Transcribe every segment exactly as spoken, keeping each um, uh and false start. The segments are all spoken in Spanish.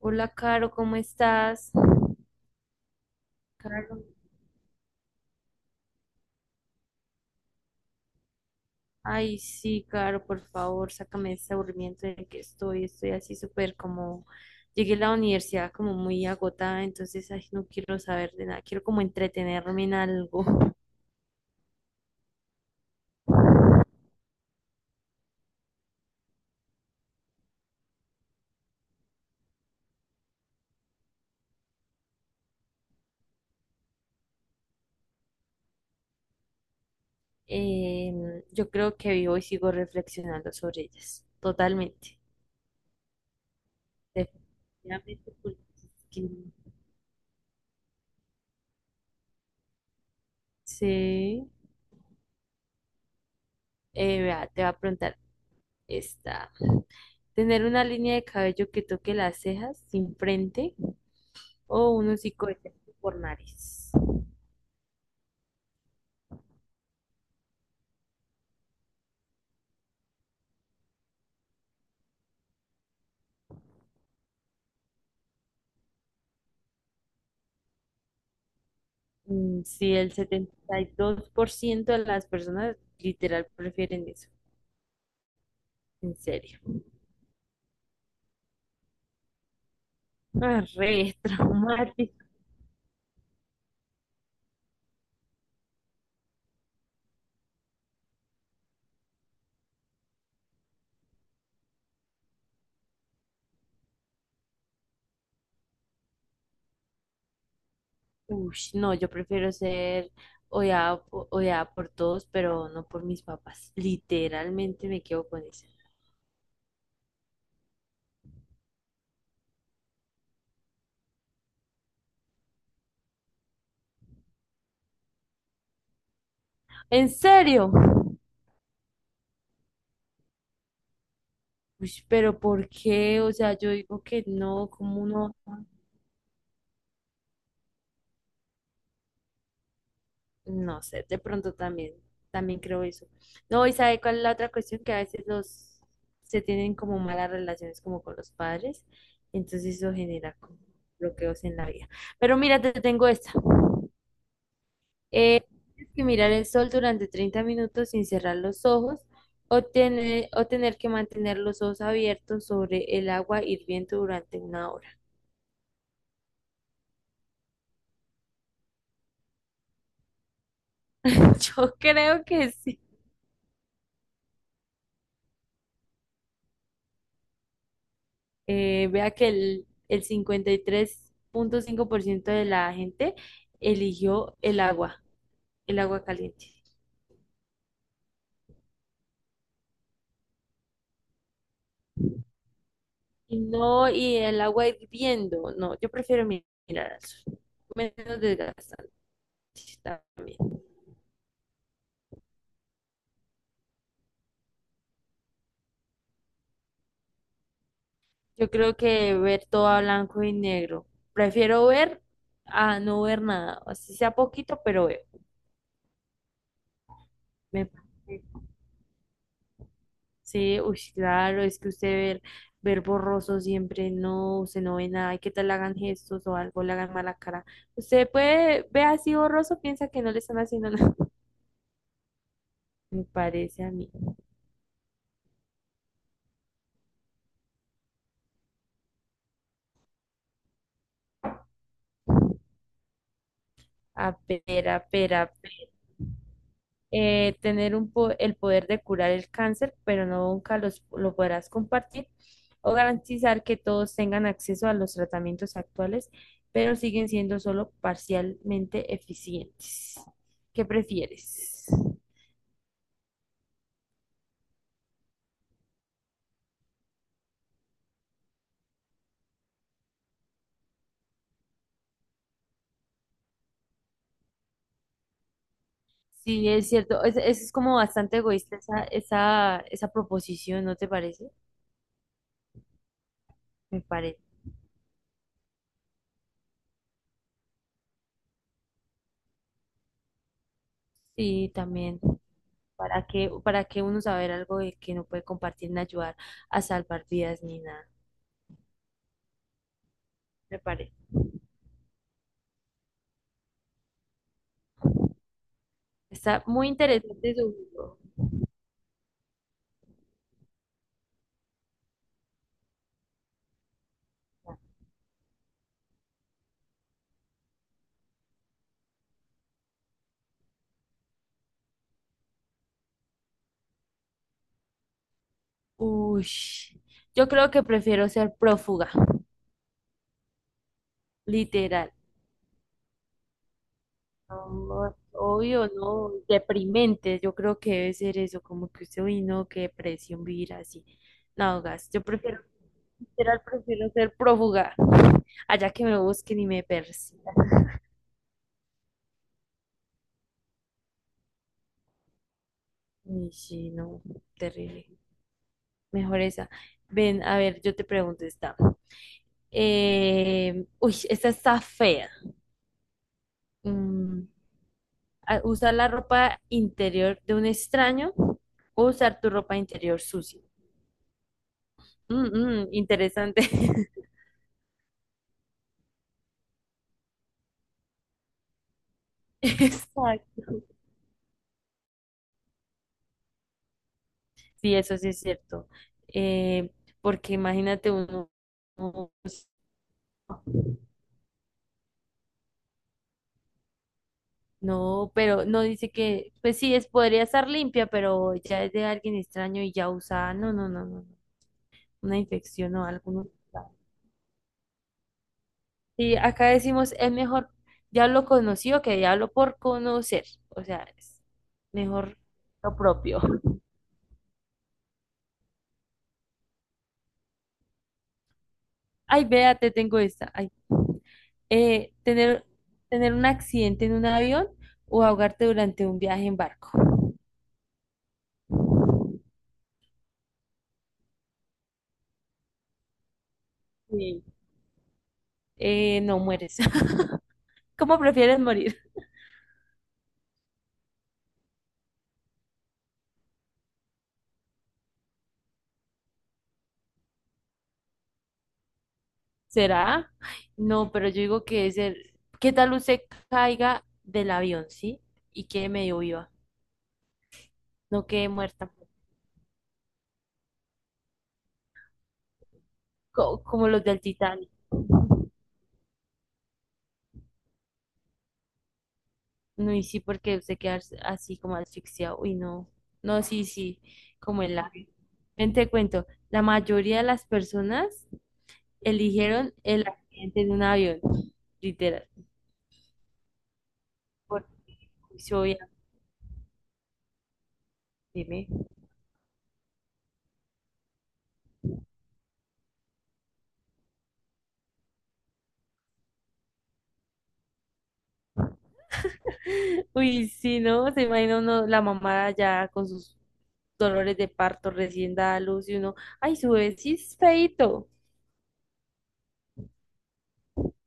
Hola, Caro, ¿cómo estás? Caro. Ay, sí, Caro, por favor, sácame de este aburrimiento en el que estoy. Estoy así súper como. Llegué a la universidad como muy agotada, entonces ay, no quiero saber de nada. Quiero como entretenerme en algo. Em, yo creo que vivo y sigo reflexionando sobre ellas. Totalmente. Definitivamente. Porque es que- Sí. Eh, vea, te va a preguntar esta. Tener una línea de cabello que toque las cejas sin frente o un hocicoidectomy por nariz. Mm, Sí, el setenta y dos por ciento de las personas literal prefieren eso, en serio. Ah, re traumático. Uy, no, yo prefiero ser odiada, po- odiada por todos, pero no por mis papás. Literalmente me quedo con eso. ¿En serio? Uy, pero ¿por qué? O sea, yo digo que no, como no? No sé, de pronto también, también creo eso. No, ¿y sabe cuál es la otra cuestión? Que a veces los se tienen como malas relaciones como con los padres, entonces eso genera como bloqueos en la vida. Pero mira, te tengo esta. Eh, Tienes que mirar el sol durante treinta minutos sin cerrar los ojos o tener, o tener que mantener los ojos abiertos sobre el agua hirviendo durante una hora. Yo creo que sí. Eh, vea que el, el cincuenta y tres punto cinco por ciento de la gente eligió el agua, el agua caliente. Y no, y el agua hirviendo, no, yo prefiero mi- mirar al sol. Menos desgastante también. Yo creo que ver todo a blanco y negro. Prefiero ver a no ver nada. Así sea poquito, pero veo. Me parece. Sí, uy, sí, claro, es que usted ver, ver borroso siempre, no, usted no ve nada, y qué tal le hagan gestos o algo, le hagan mala cara. Usted puede ver así borroso, piensa que no le están haciendo nada. Me parece a mí. A ver, a ver, a ver. Eh, tener un po- el poder de curar el cáncer, pero no nunca los, lo podrás compartir, o garantizar que todos tengan acceso a los tratamientos actuales, pero siguen siendo solo parcialmente eficientes. ¿Qué prefieres? Sí, es cierto. Es, es como bastante egoísta esa, esa, esa proposición, ¿no te parece? Me parece. Sí, también. ¿Para qué, para qué uno saber algo de que no puede compartir ni ayudar a salvar vidas ni nada? Me parece. Está muy interesante su. Uy, yo creo que prefiero ser prófuga, literal. No, obvio, no, deprimente, yo creo que debe ser eso, como que usted, uy, no, qué depresión vivir así. No, gas, yo prefiero, literal, prefiero ser prófuga, allá que me lo busquen y me persigan. Y sí, no, terrible, mejor esa. Ven, a ver, yo te pregunto esta. Eh, uy, esta está fea. Mm, a- Usar la ropa interior de un extraño o usar tu ropa interior sucia. Mm, mm, interesante. Exacto. Sí, eso sí es cierto. Eh, Porque imagínate uno, uno- no, pero no dice que, pues sí, es, podría estar limpia, pero ya es de alguien extraño y ya usada. No, no, no, no, no. Una infección o algo. No. Sí, acá decimos, es mejor diablo conocido que diablo por conocer. O sea, es mejor lo propio. Ay, vea, te tengo esta. Ay. Eh, tener, tener un accidente en un avión o ahogarte durante un viaje en barco. Sí. Eh, no mueres. ¿Cómo prefieres morir? ¿Será? Ay, no, pero yo digo que es el. ¿Qué tal usted caiga del avión, sí? Y quede medio viva. No quede muerta. co- como los del Titanic. No, y sí, porque usted queda así como asfixiado. Uy, no. No, sí, sí. Como el avión. Ven, te cuento. La mayoría de las personas eligieron el accidente de un avión, literal. Por juicio, obviamente. Uy, sí, ¿no? Se imagina uno la mamá ya con sus dolores de parto recién dada a luz y uno, ay, su bebé sí es feíto.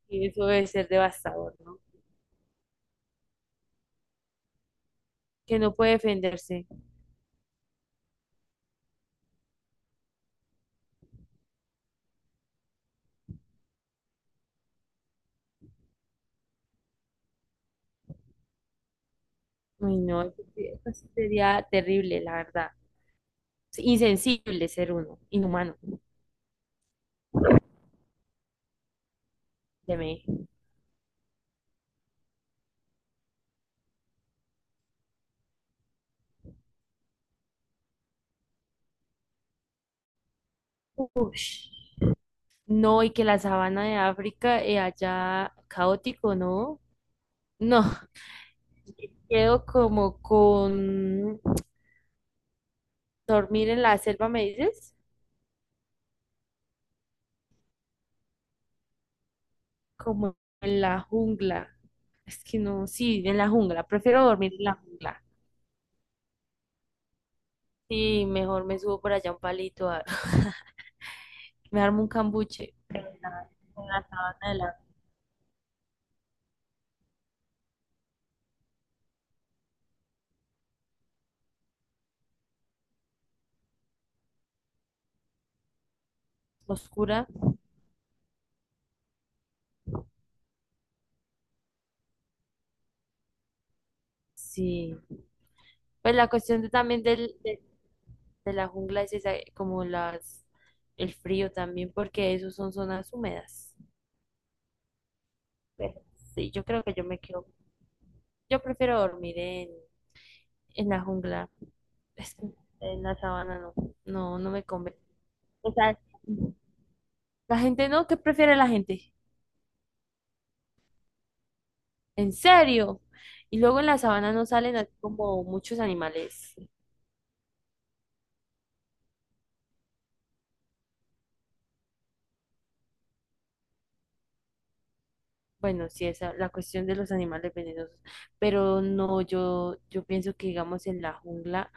Y eso debe ser devastador, ¿no? Que no puede defenderse. Uy no, eso sí- eso sí sería terrible, la verdad. Es insensible ser uno, inhumano. Teme. Ush. No, y que la sabana de África eh, allá caótico, ¿no? No, quedo como con dormir en la selva, ¿me dices? Como en la jungla. Es que no, sí, en la jungla. Prefiero dormir en la jungla. Sí, mejor me subo por allá a un palito, a- me armo un cambuche en la, en la, sabana de la oscura. Sí. Pues la cuestión de- también del, de, de la jungla es esa, como las, el frío también, porque esos son zonas húmedas. Pero sí, yo creo que yo me quedo, yo prefiero dormir en, en la jungla. Es que en la sabana no, no, no me convence. O sea, la gente no, ¿qué prefiere la gente? ¿En serio? Y luego en la sabana no salen así como muchos animales. Bueno, sí, esa la cuestión de los animales venenosos, pero no, yo, yo pienso que digamos en la jungla,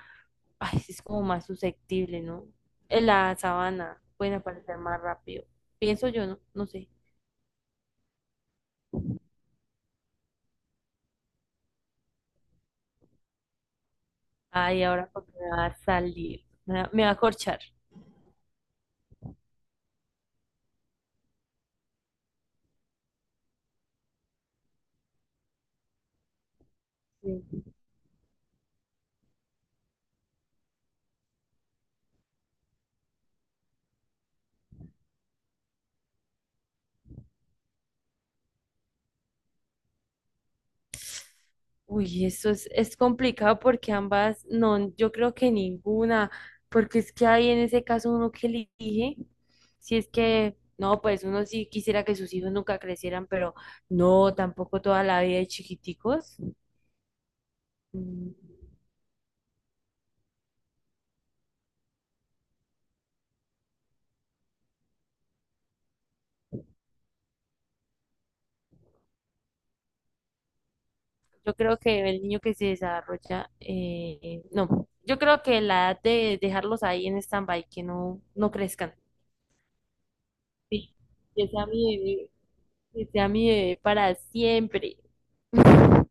ay, sí es como más susceptible, ¿no? En la sabana pueden aparecer más rápido. Pienso yo, ¿no? No sé. Ay, ahora porque me va a salir, me va, me va a corchar. Sí. Uy, eso es, es complicado porque ambas, no, yo creo que ninguna, porque es que hay en ese caso uno que elige, si es que, no, pues uno sí quisiera que sus hijos nunca crecieran, pero no, tampoco toda la vida de chiquiticos. Mm, Yo creo que el niño que se desarrolla, eh, no, yo creo que la edad de dejarlos ahí en stand-by, que no, no crezcan. Sí, que sea mi bebé, que sea mi bebé para siempre.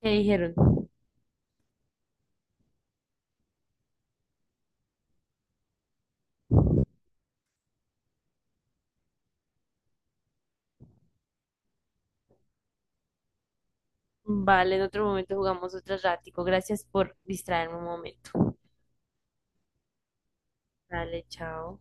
¿Qué dijeron? Vale, en otro momento jugamos otro ratico. Gracias por distraerme un momento. Dale, chao.